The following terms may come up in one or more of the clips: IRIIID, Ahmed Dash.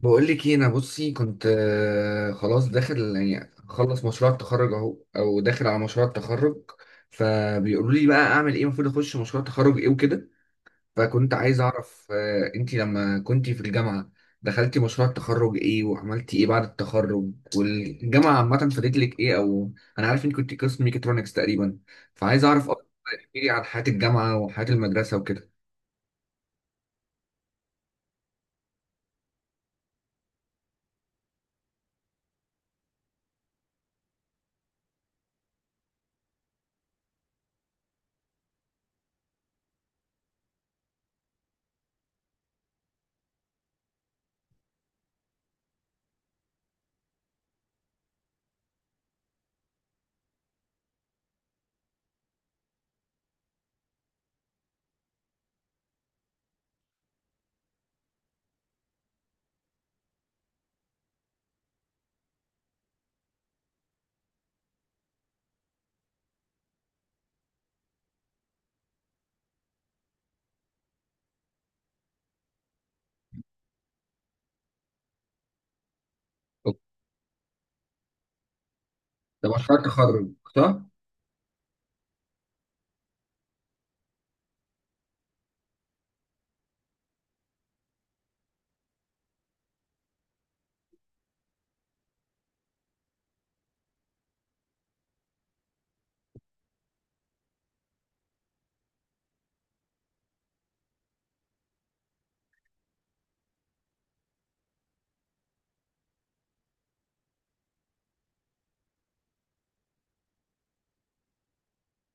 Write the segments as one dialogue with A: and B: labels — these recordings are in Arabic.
A: بقول لك ايه. انا بصي كنت خلاص داخل يعني خلص مشروع التخرج اهو او داخل على مشروع التخرج. فبيقولوا لي بقى اعمل ايه، المفروض اخش مشروع تخرج ايه وكده. فكنت عايز اعرف انتي لما كنتي في الجامعة دخلتي مشروع التخرج ايه، وعملتي ايه بعد التخرج، والجامعة عامة فادت لك ايه، او انا عارف انك كنت قسم ميكاترونكس تقريبا. فعايز اعرف اكتر. احكي لي عن حياة الجامعة وحياة المدرسة وكده. ده مشروع التخرج صح؟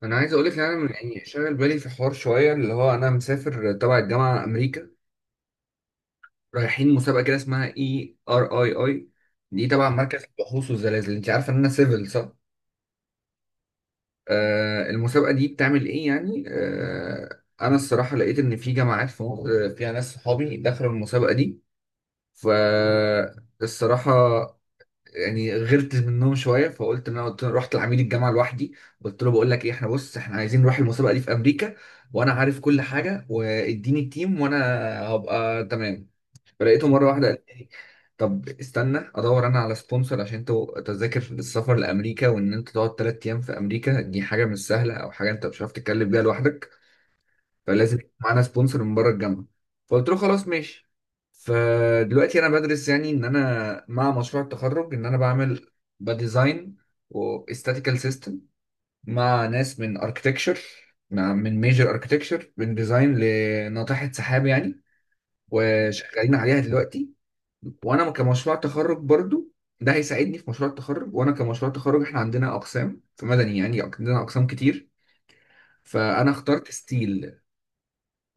A: انا عايز اقول لك ان انا يعني شاغل بالي في حوار شويه، اللي هو انا مسافر تبع الجامعه امريكا. رايحين مسابقه كده اسمها اي ار اي اي. دي تبع مركز البحوث والزلازل. انت عارفه ان انا سيفل صح؟ آه، المسابقه دي بتعمل ايه، يعني انا الصراحه لقيت ان في جامعات في مصر فيها ناس صحابي دخلوا المسابقه دي. فالصراحه يعني غرت منهم شويه، فقلت ان انا قلت رحت لعميد الجامعه لوحدي. قلت له بقول لك ايه، احنا بص احنا عايزين نروح المسابقه دي في امريكا، وانا عارف كل حاجه، واديني التيم وانا هبقى تمام. فلقيته مره واحده قال لي طب استنى ادور انا على سبونسر، عشان انت تذاكر السفر لامريكا وان انت تقعد ثلاث ايام في امريكا دي حاجه مش سهله، او حاجه انت مش عارف تتكلم بيها لوحدك، فلازم يكون معانا سبونسر من بره الجامعه. فقلت له خلاص ماشي. فدلوقتي انا بدرس يعني ان انا مع مشروع التخرج ان انا بعمل بديزاين واستاتيكال سيستم مع ناس من اركتكتشر، من ميجر اركتكتشر، من ديزاين لناطحه سحاب يعني، وشغالين عليها دلوقتي. وانا كمشروع تخرج برضو ده هيساعدني في مشروع التخرج. وانا كمشروع تخرج احنا عندنا اقسام في مدني، يعني عندنا اقسام كتير. فانا اخترت ستيل،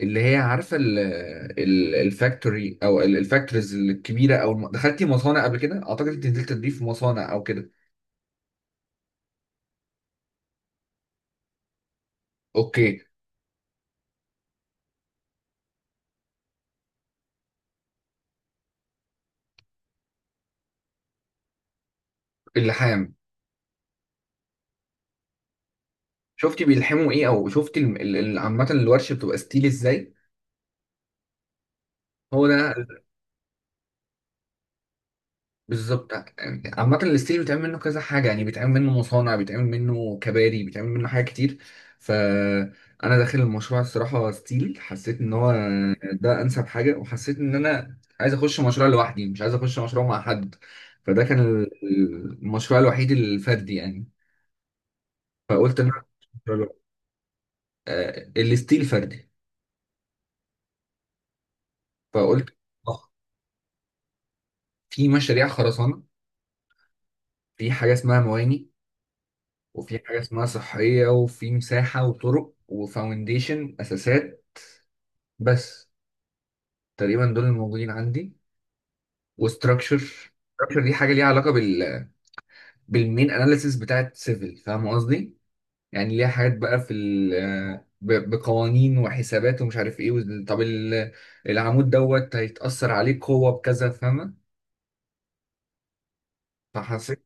A: اللي هي عارفه الفاكتوري او الفاكتوريز الكبيره، دخلتي مصانع قبل كده؟ اعتقد انت نزلت تضيف مصانع او كده. اوكي. اللحام. شفتي بيلحموا ايه، او شفتي عامه الورشه بتبقى ستيل ازاي؟ هو ده. بالظبط. يعني عامة الستيل بيتعمل منه كذا حاجة، يعني بيتعمل منه مصانع، بيتعمل منه كباري، بيتعمل منه حاجات كتير. فأنا داخل المشروع الصراحة ستيل حسيت إن هو ده أنسب حاجة، وحسيت إن أنا عايز أخش مشروع لوحدي، مش عايز أخش مشروع مع حد. فده كان المشروع الوحيد الفردي يعني. فقلت إن أنا أخش مشروع لوحدي. آه، الستيل فردي. فقلت آه، في مشاريع خرسانة. في حاجة اسمها مواني، وفي حاجة اسمها صحية، وفي مساحة وطرق وفاونديشن أساسات. بس تقريبا دول الموجودين عندي، وستراكشر. ستراكشر دي حاجة ليها علاقة بال، بالمين أناليسيس بتاعت سيفل. فاهم قصدي؟ يعني ليها حاجات بقى في بقوانين وحسابات ومش عارف ايه، العمود دوت هيتأثر عليه قوة بكذا. فاهمة؟ فحسيت،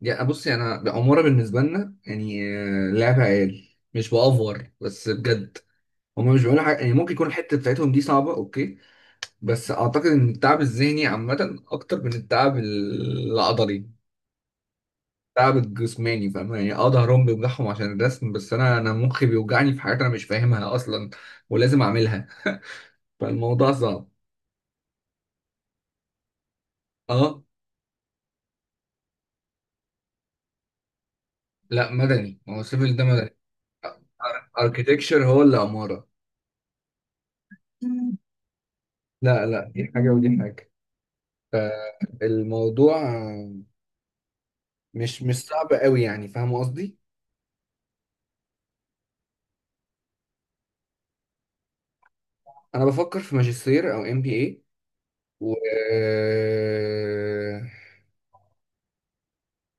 A: يعني بصي أنا عمارة بالنسبة لنا يعني لعبة عيال. مش بأفور، بس بجد. هما مش بيقولوا حاجة، يعني ممكن يكون الحتة بتاعتهم دي صعبة أوكي، بس أعتقد إن التعب الذهني عامة أكتر من التعب العضلي، التعب الجسماني. فاهم يعني؟ أه ظهرهم بيوجعهم عشان الرسم، بس أنا مخي بيوجعني في حاجات أنا مش فاهمها أصلا ولازم أعملها، فالموضوع صعب. أه. لا مدني، ما هو السيفل ده مدني. أركيتكشر هو اللي عمارة. مم. لا لا، دي حاجة ودي حاجة. الموضوع مش صعب قوي يعني. فاهم قصدي؟ أنا بفكر في ماجستير أو ام بي، و،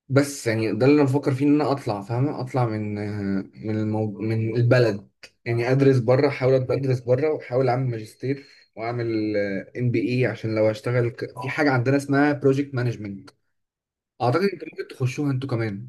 A: بس يعني ده اللي انا بفكر فيه ان انا اطلع. فاهمه، اطلع من، من البلد يعني. ادرس بره، احاول ابقى ادرس بره واحاول اعمل ماجستير واعمل ام بي اي، عشان لو اشتغل في حاجه عندنا اسمها بروجكت مانجمنت. اعتقد انتوا ممكن تخشوها انتوا كمان.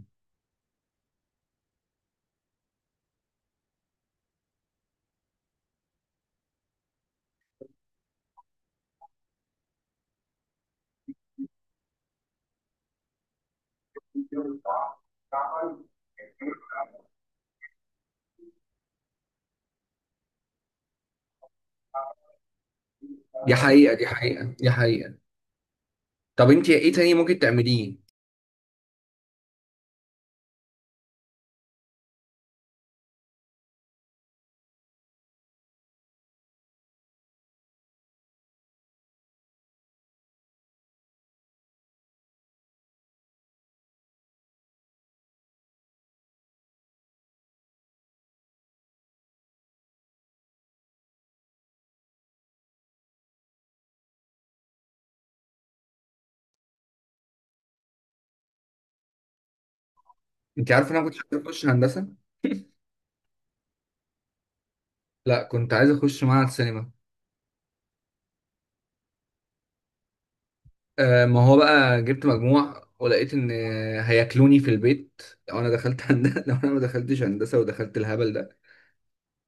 A: دي حقيقه، دي حقيقه، دي حقيقه. طب انت ايه تاني ممكن تعمليه؟ انت عارفه إن انا كنت عايز اخش هندسه. لا كنت عايز اخش معهد سينما. آه، ما هو بقى جبت مجموع ولقيت ان هياكلوني في البيت لو انا دخلت هندسه لو انا ما دخلتش هندسه ودخلت الهبل ده.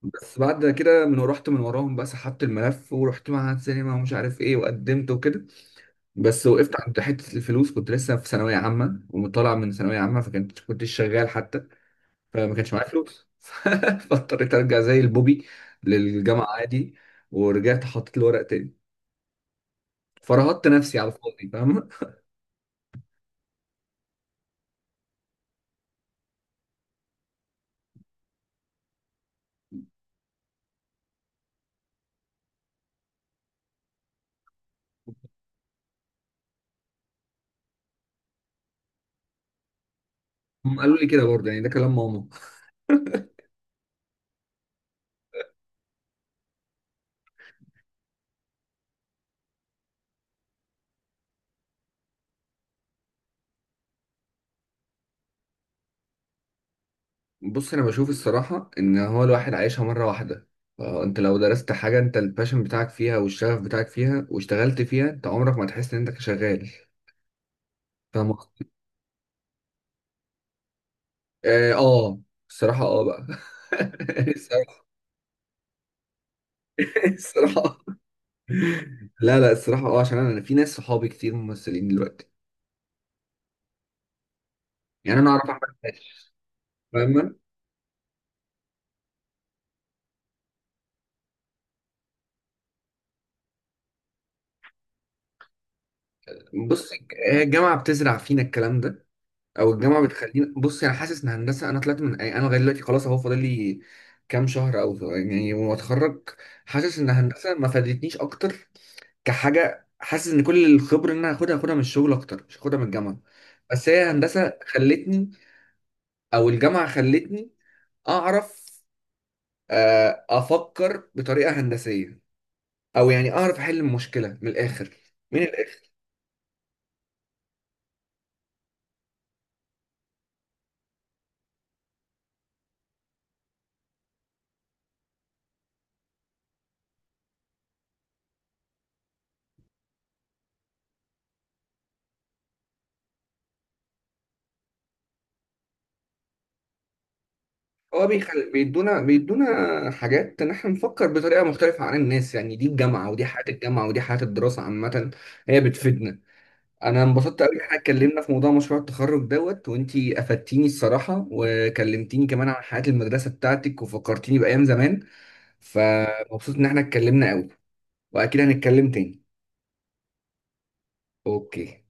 A: بس بعد كده من رحت من وراهم بقى سحبت الملف ورحت معهد سينما ومش عارف ايه وقدمت وكده. بس وقفت عند حته الفلوس، كنت لسه في ثانويه عامه ومطلع من ثانويه عامه، فكنت كنتش شغال حتى. فما كانش معايا فلوس فاضطريت ارجع زي البوبي للجامعه عادي. ورجعت حطيت الورق تاني، فرهطت نفسي على الفاضي. فاهم؟ هم قالوا لي كده برضه، يعني ده كلام ماما. بص انا بشوف الصراحه ان هو الواحد عايشها مره واحده، فانت لو درست حاجه انت الباشن بتاعك فيها والشغف بتاعك فيها واشتغلت فيها، انت عمرك ما تحس ان انت شغال. فاهم قصدي؟ اه، الصراحه اه بقى. الصراحه، الصراحه، لا لا الصراحه اه. عشان أنا في ناس صحابي كتير ممثلين دلوقتي. يعني انا اعرف احمد داش. فاهمه؟ بص هي الجامعه بتزرع فينا الكلام ده، او الجامعه بتخليني، بص انا حاسس ان هندسه انا طلعت من، يعني انا لغايه دلوقتي خلاص اهو فاضل لي كام شهر او يعني واتخرج. حاسس ان هندسه ما فادتنيش اكتر كحاجه. حاسس ان كل الخبره اللي انا هاخدها هاخدها من الشغل اكتر، مش هاخدها من الجامعه. بس هي هندسه خلتني، او الجامعه خلتني، اعرف افكر بطريقه هندسيه، او يعني اعرف احل المشكله من الاخر. مين، هو، بيدونا حاجات ان احنا نفكر بطريقه مختلفه عن الناس. يعني دي الجامعه، ودي حياه الجامعه، ودي حياه الدراسه عامه. هي بتفيدنا. انا انبسطت قوي ان احنا اتكلمنا في موضوع مشروع التخرج دوت، وانتي افدتيني الصراحه وكلمتيني كمان عن حياه المدرسه بتاعتك وفكرتيني بايام زمان. فمبسوط ان احنا اتكلمنا قوي. واكيد هنتكلم تاني. اوكي.